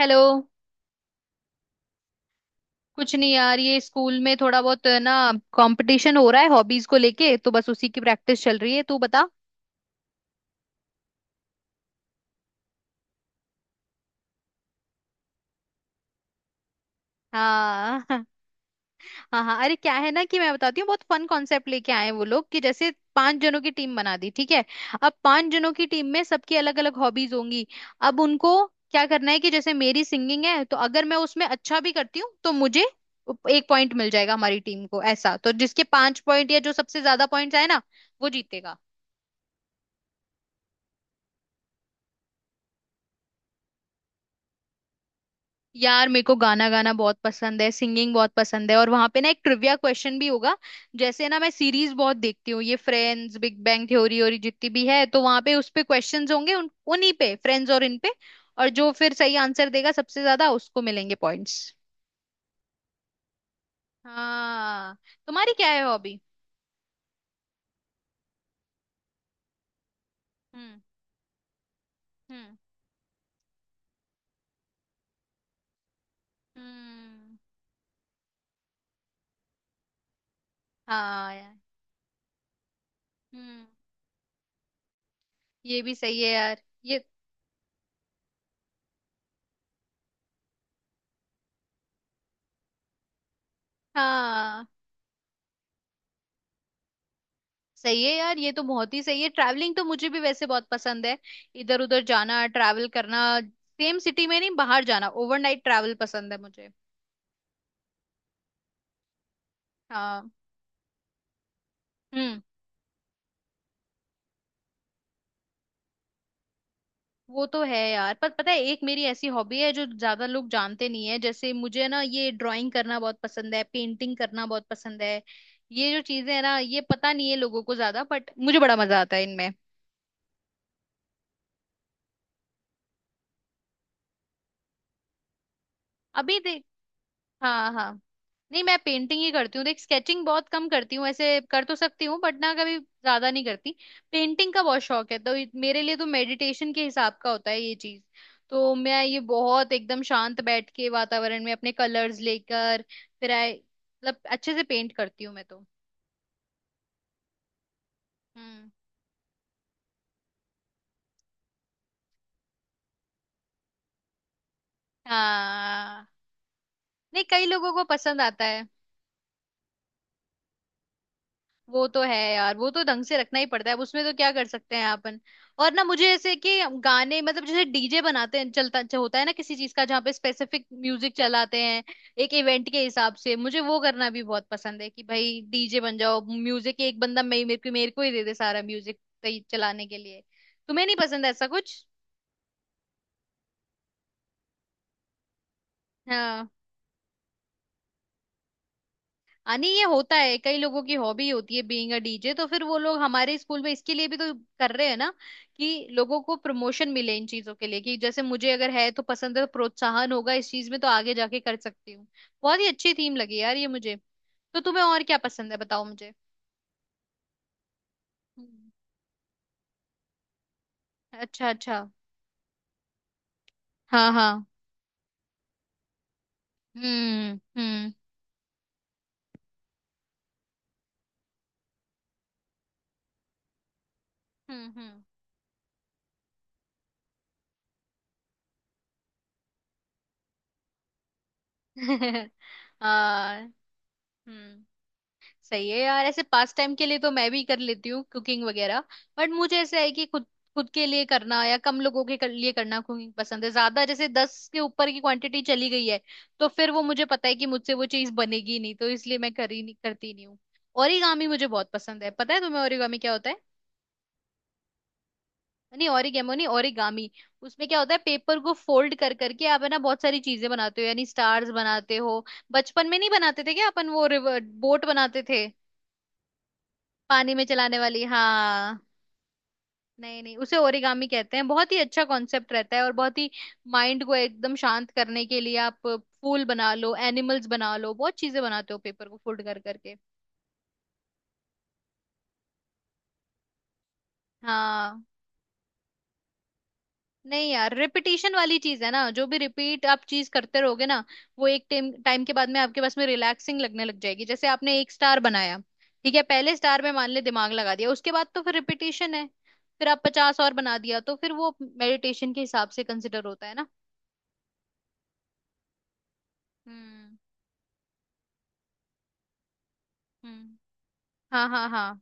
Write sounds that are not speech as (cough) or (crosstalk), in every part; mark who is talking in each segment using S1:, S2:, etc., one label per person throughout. S1: Hello. कुछ नहीं यार, ये स्कूल में थोड़ा बहुत ना कंपटीशन हो रहा है हॉबीज को लेके। तो बस उसी की प्रैक्टिस चल रही है। तू बता। हाँ। (laughs) हाँ हाँ, अरे क्या है ना कि मैं बताती हूँ, बहुत फन कॉन्सेप्ट लेके आए हैं वो लोग। कि जैसे 5 जनों की टीम बना दी, ठीक है। अब 5 जनों की टीम में सबकी अलग अलग हॉबीज होंगी। अब उनको क्या करना है कि जैसे मेरी सिंगिंग है, तो अगर मैं उसमें अच्छा भी करती हूँ तो मुझे एक पॉइंट मिल जाएगा हमारी टीम को, ऐसा। तो जिसके 5 पॉइंट या जो सबसे ज्यादा पॉइंट्स आए ना, वो जीतेगा। यार मेरे को गाना गाना बहुत पसंद है, सिंगिंग बहुत पसंद है। और वहां पे ना एक ट्रिविया क्वेश्चन भी होगा। जैसे ना मैं सीरीज बहुत देखती हूँ, ये फ्रेंड्स, बिग बैंग थ्योरी और ये जितनी भी है। तो वहां पे उस पे क्वेश्चंस होंगे, उन उन्हीं पे, फ्रेंड्स और इन पे। और जो फिर सही आंसर देगा सबसे ज्यादा उसको मिलेंगे पॉइंट्स। हाँ। तुम्हारी क्या है हॉबी? हम्म। हम्म। हम्म। हाँ यार। हम्म। ये भी सही है यार, ये। हाँ। सही है यार, ये तो बहुत ही सही है। ट्रैवलिंग तो मुझे भी वैसे बहुत पसंद है। इधर उधर जाना, ट्रैवल करना, सेम सिटी में नहीं, बाहर जाना, ओवरनाइट ट्रैवल पसंद है मुझे। हाँ। हम्म। वो तो है यार, पर पता है, एक मेरी ऐसी हॉबी है जो ज्यादा लोग जानते नहीं है। जैसे मुझे ना ये ड्राइंग करना बहुत पसंद है, पेंटिंग करना बहुत पसंद है। ये जो चीजें है ना, ये पता नहीं है लोगों को ज्यादा, बट मुझे बड़ा मजा आता है इनमें। अभी देख। हाँ हाँ। नहीं, मैं पेंटिंग ही करती हूँ देख, स्केचिंग बहुत कम करती हूँ। ऐसे कर तो सकती हूँ बट ना कभी ज्यादा नहीं करती। पेंटिंग का बहुत शौक है, तो मेरे लिए तो मेडिटेशन के हिसाब का होता है ये चीज। तो मैं ये बहुत एकदम शांत बैठ के वातावरण में अपने कलर्स लेकर फिर आए, मतलब अच्छे से पेंट करती हूँ मैं तो। हम्म। हाँ। नहीं, कई लोगों को पसंद आता है। वो तो है यार, वो तो ढंग से रखना ही पड़ता है अब, उसमें तो क्या कर सकते हैं अपन। और ना मुझे ऐसे कि गाने मतलब, जैसे डीजे बनाते हैं, चलता जो होता है ना किसी चीज का, जहाँ पे स्पेसिफिक म्यूजिक चलाते हैं एक इवेंट के हिसाब से, मुझे वो करना भी बहुत पसंद है कि भाई डीजे बन जाओ, म्यूजिक एक बंदा मे मेरे को ही दे दे सारा म्यूजिक चलाने के लिए। तुम्हें नहीं पसंद ऐसा कुछ? हाँ। हाँ, नहीं ये होता है, कई लोगों की हॉबी होती है बीइंग अ डीजे। तो फिर वो लोग हमारे स्कूल में इसके लिए भी तो कर रहे हैं ना, कि लोगों को प्रमोशन मिले इन चीजों के लिए। कि जैसे मुझे अगर है तो पसंद है, तो प्रोत्साहन होगा इस चीज में, तो आगे जाके कर सकती हूँ। बहुत ही अच्छी थीम लगी यार ये मुझे। तो तुम्हें और क्या पसंद है बताओ मुझे? हम्म। अच्छा अच्छा। हाँ हाँ। हम्म हम्म हम्म हम्म। (laughs) हाँ। हम्म। सही है यार, ऐसे पास टाइम के लिए तो मैं भी कर लेती हूँ कुकिंग वगैरह। बट मुझे ऐसा है कि खुद खुद के लिए करना या कम लोगों के लिए करना कुकिंग पसंद है ज्यादा। जैसे 10 के ऊपर की क्वांटिटी चली गई है, तो फिर वो मुझे पता है कि मुझसे वो चीज बनेगी नहीं, तो इसलिए मैं कर ही नहीं करती नहीं हूँ। ओरिगामी मुझे बहुत पसंद है। पता है तुम्हें ओरिगामी क्या होता है? नहीं, ओरिगेमो नहीं, ओरिगामी। उसमें क्या होता है, पेपर को फोल्ड कर करके आप है ना बहुत सारी चीजें बनाते हो, यानी स्टार्स बनाते हो। बचपन में नहीं बनाते थे क्या अपन, वो रिवर बोट बनाते थे पानी में चलाने वाली? हाँ। नहीं नहीं, उसे ओरिगामी कहते हैं। बहुत ही अच्छा कॉन्सेप्ट रहता है। और बहुत ही माइंड को एकदम शांत करने के लिए, आप फूल बना लो, एनिमल्स बना लो, बहुत चीजें बनाते हो पेपर को फोल्ड कर करके। हाँ। नहीं यार, रिपीटिशन वाली चीज है ना, जो भी रिपीट आप चीज करते रहोगे ना, वो एक टाइम टाइम के बाद में आपके पास में रिलैक्सिंग लगने लग जाएगी। जैसे आपने एक स्टार बनाया, ठीक है, पहले स्टार में मान ले दिमाग लगा दिया, उसके बाद तो फिर रिपीटिशन है। फिर आप 50 और बना दिया, तो फिर वो मेडिटेशन के हिसाब से कंसिडर होता है ना। हम्म हम्म। हाँ हाँ हाँ।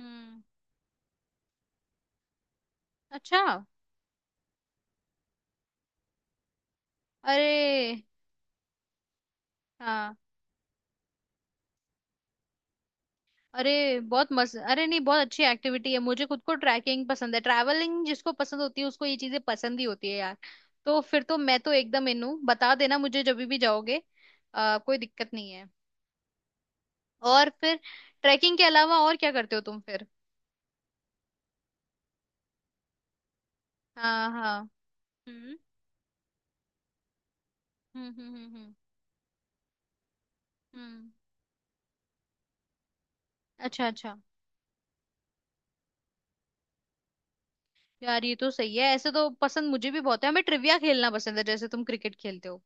S1: हम्म। अच्छा। अरे हाँ। अरे बहुत मस्त, अरे नहीं बहुत अच्छी एक्टिविटी है। मुझे खुद को ट्रैकिंग पसंद है। ट्रैवलिंग जिसको पसंद होती है उसको ये चीजें पसंद ही होती है यार। तो फिर तो मैं तो एकदम इन हूँ, बता देना मुझे जब भी जाओगे। कोई दिक्कत नहीं है। और फिर ट्रैकिंग के अलावा और क्या करते हो तुम फिर? हाँ हाँ। हम्म हम्म। हम्म। अच्छा अच्छा। यार ये तो सही है, ऐसे तो पसंद मुझे भी बहुत है। हमें ट्रिविया खेलना पसंद है, जैसे तुम क्रिकेट खेलते हो।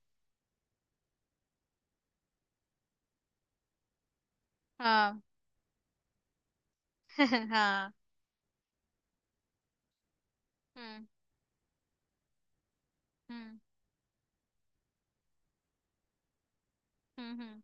S1: हाँ। (laughs) हाँ। हम्म हम्म हम्म हम्म।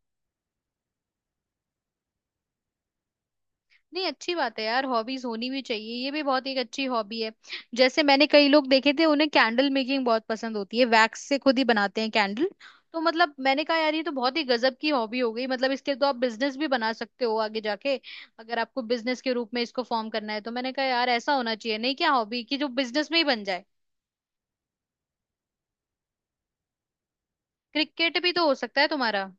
S1: नहीं अच्छी बात है यार, हॉबीज होनी भी चाहिए, ये भी बहुत एक अच्छी हॉबी है। जैसे मैंने कई लोग देखे थे उन्हें कैंडल मेकिंग बहुत पसंद होती है, वैक्स से खुद ही बनाते हैं कैंडल। तो मतलब मैंने कहा यार, ये तो बहुत ही गजब की हॉबी हो गई, मतलब इसके तो आप बिजनेस भी बना सकते हो आगे जाके, अगर आपको बिजनेस के रूप में इसको फॉर्म करना है। तो मैंने कहा यार ऐसा होना चाहिए नहीं क्या हॉबी, कि जो बिजनेस में ही बन जाए। क्रिकेट भी तो हो सकता है तुम्हारा।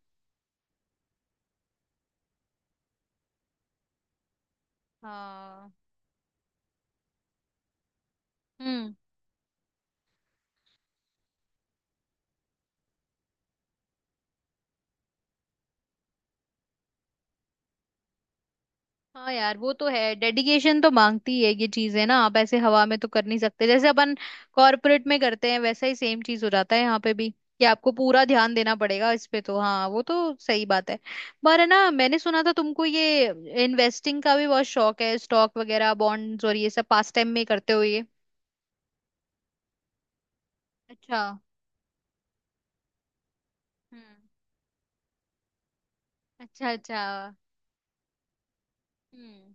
S1: हाँ। हम्म। हाँ यार वो तो है, डेडिकेशन तो मांगती है ये चीजें ना, आप ऐसे हवा में तो कर नहीं सकते। जैसे अपन कॉर्पोरेट में करते हैं वैसा ही सेम चीज हो जाता है यहाँ पे भी, कि आपको पूरा ध्यान देना पड़ेगा इस पे। तो हाँ वो तो सही बात है। पर है ना मैंने सुना था तुमको ये इन्वेस्टिंग का भी बहुत शौक है, स्टॉक वगैरह, बॉन्ड्स और ये सब पास टाइम में करते हो ये? अच्छा। हम्म। अच्छा अच्छा। हम्म।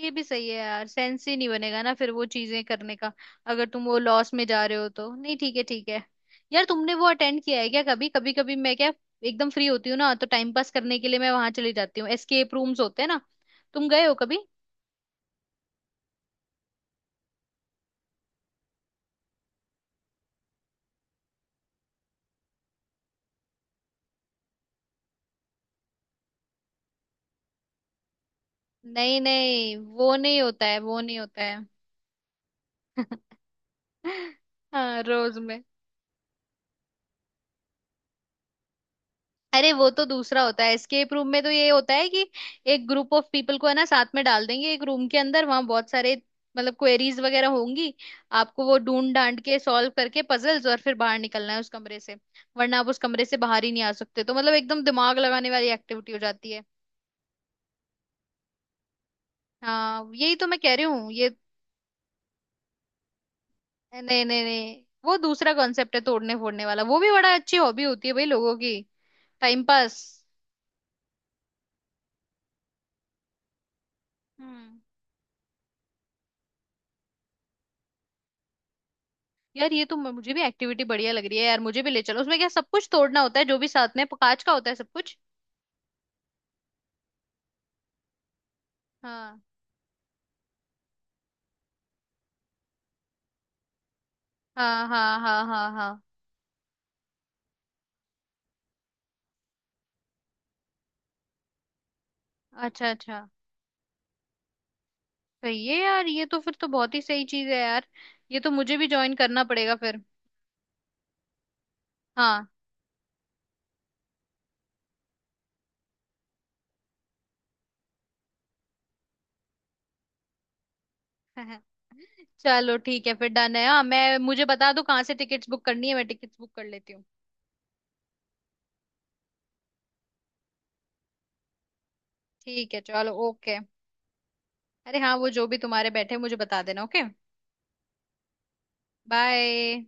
S1: ये भी सही है यार, सेंस ही नहीं बनेगा ना फिर वो चीजें करने का, अगर तुम वो लॉस में जा रहे हो तो। नहीं, ठीक है ठीक है। यार तुमने वो अटेंड किया है क्या कभी? कभी कभी मैं क्या एकदम फ्री होती हूँ ना तो टाइम पास करने के लिए मैं वहां चली जाती हूँ। एस्केप रूम्स होते हैं ना, तुम गए हो कभी? नहीं नहीं, वो नहीं होता है, वो नहीं होता है। (laughs) हाँ रोज में। अरे वो तो दूसरा होता है। एस्केप रूम में तो ये होता है कि एक ग्रुप ऑफ पीपल को है ना साथ में डाल देंगे एक रूम के अंदर, वहां बहुत सारे मतलब क्वेरीज वगैरह होंगी, आपको वो ढूंढ डांट के सॉल्व करके पजल्स, और फिर बाहर निकलना है उस कमरे से। वरना आप उस कमरे से बाहर ही नहीं आ सकते। तो मतलब एकदम दिमाग लगाने वाली एक्टिविटी हो जाती है। हाँ यही तो मैं कह रही हूँ ये। नहीं नहीं नहीं, वो दूसरा कॉन्सेप्ट है तोड़ने फोड़ने वाला, वो भी बड़ा अच्छी हॉबी होती है भाई लोगों की, टाइम पास। हम्म। यार ये तो मुझे भी एक्टिविटी बढ़िया लग रही है, यार मुझे भी ले चलो। उसमें क्या सब कुछ तोड़ना होता है जो भी साथ में कांच का होता है सब कुछ? हाँ हाँ हाँ हाँ हाँ। हाँ। अच्छा अच्छा। सही है यार, ये तो फिर तो बहुत ही सही चीज है यार। ये तो मुझे भी ज्वाइन करना पड़ेगा फिर। हाँ। (laughs) चलो ठीक है फिर, डन है। हाँ, मैं मुझे बता दो कहाँ से टिकट्स बुक करनी है, मैं टिकट्स बुक कर लेती हूँ। ठीक है चलो ओके। अरे हाँ, वो जो भी तुम्हारे बैठे मुझे बता देना। ओके। बाय।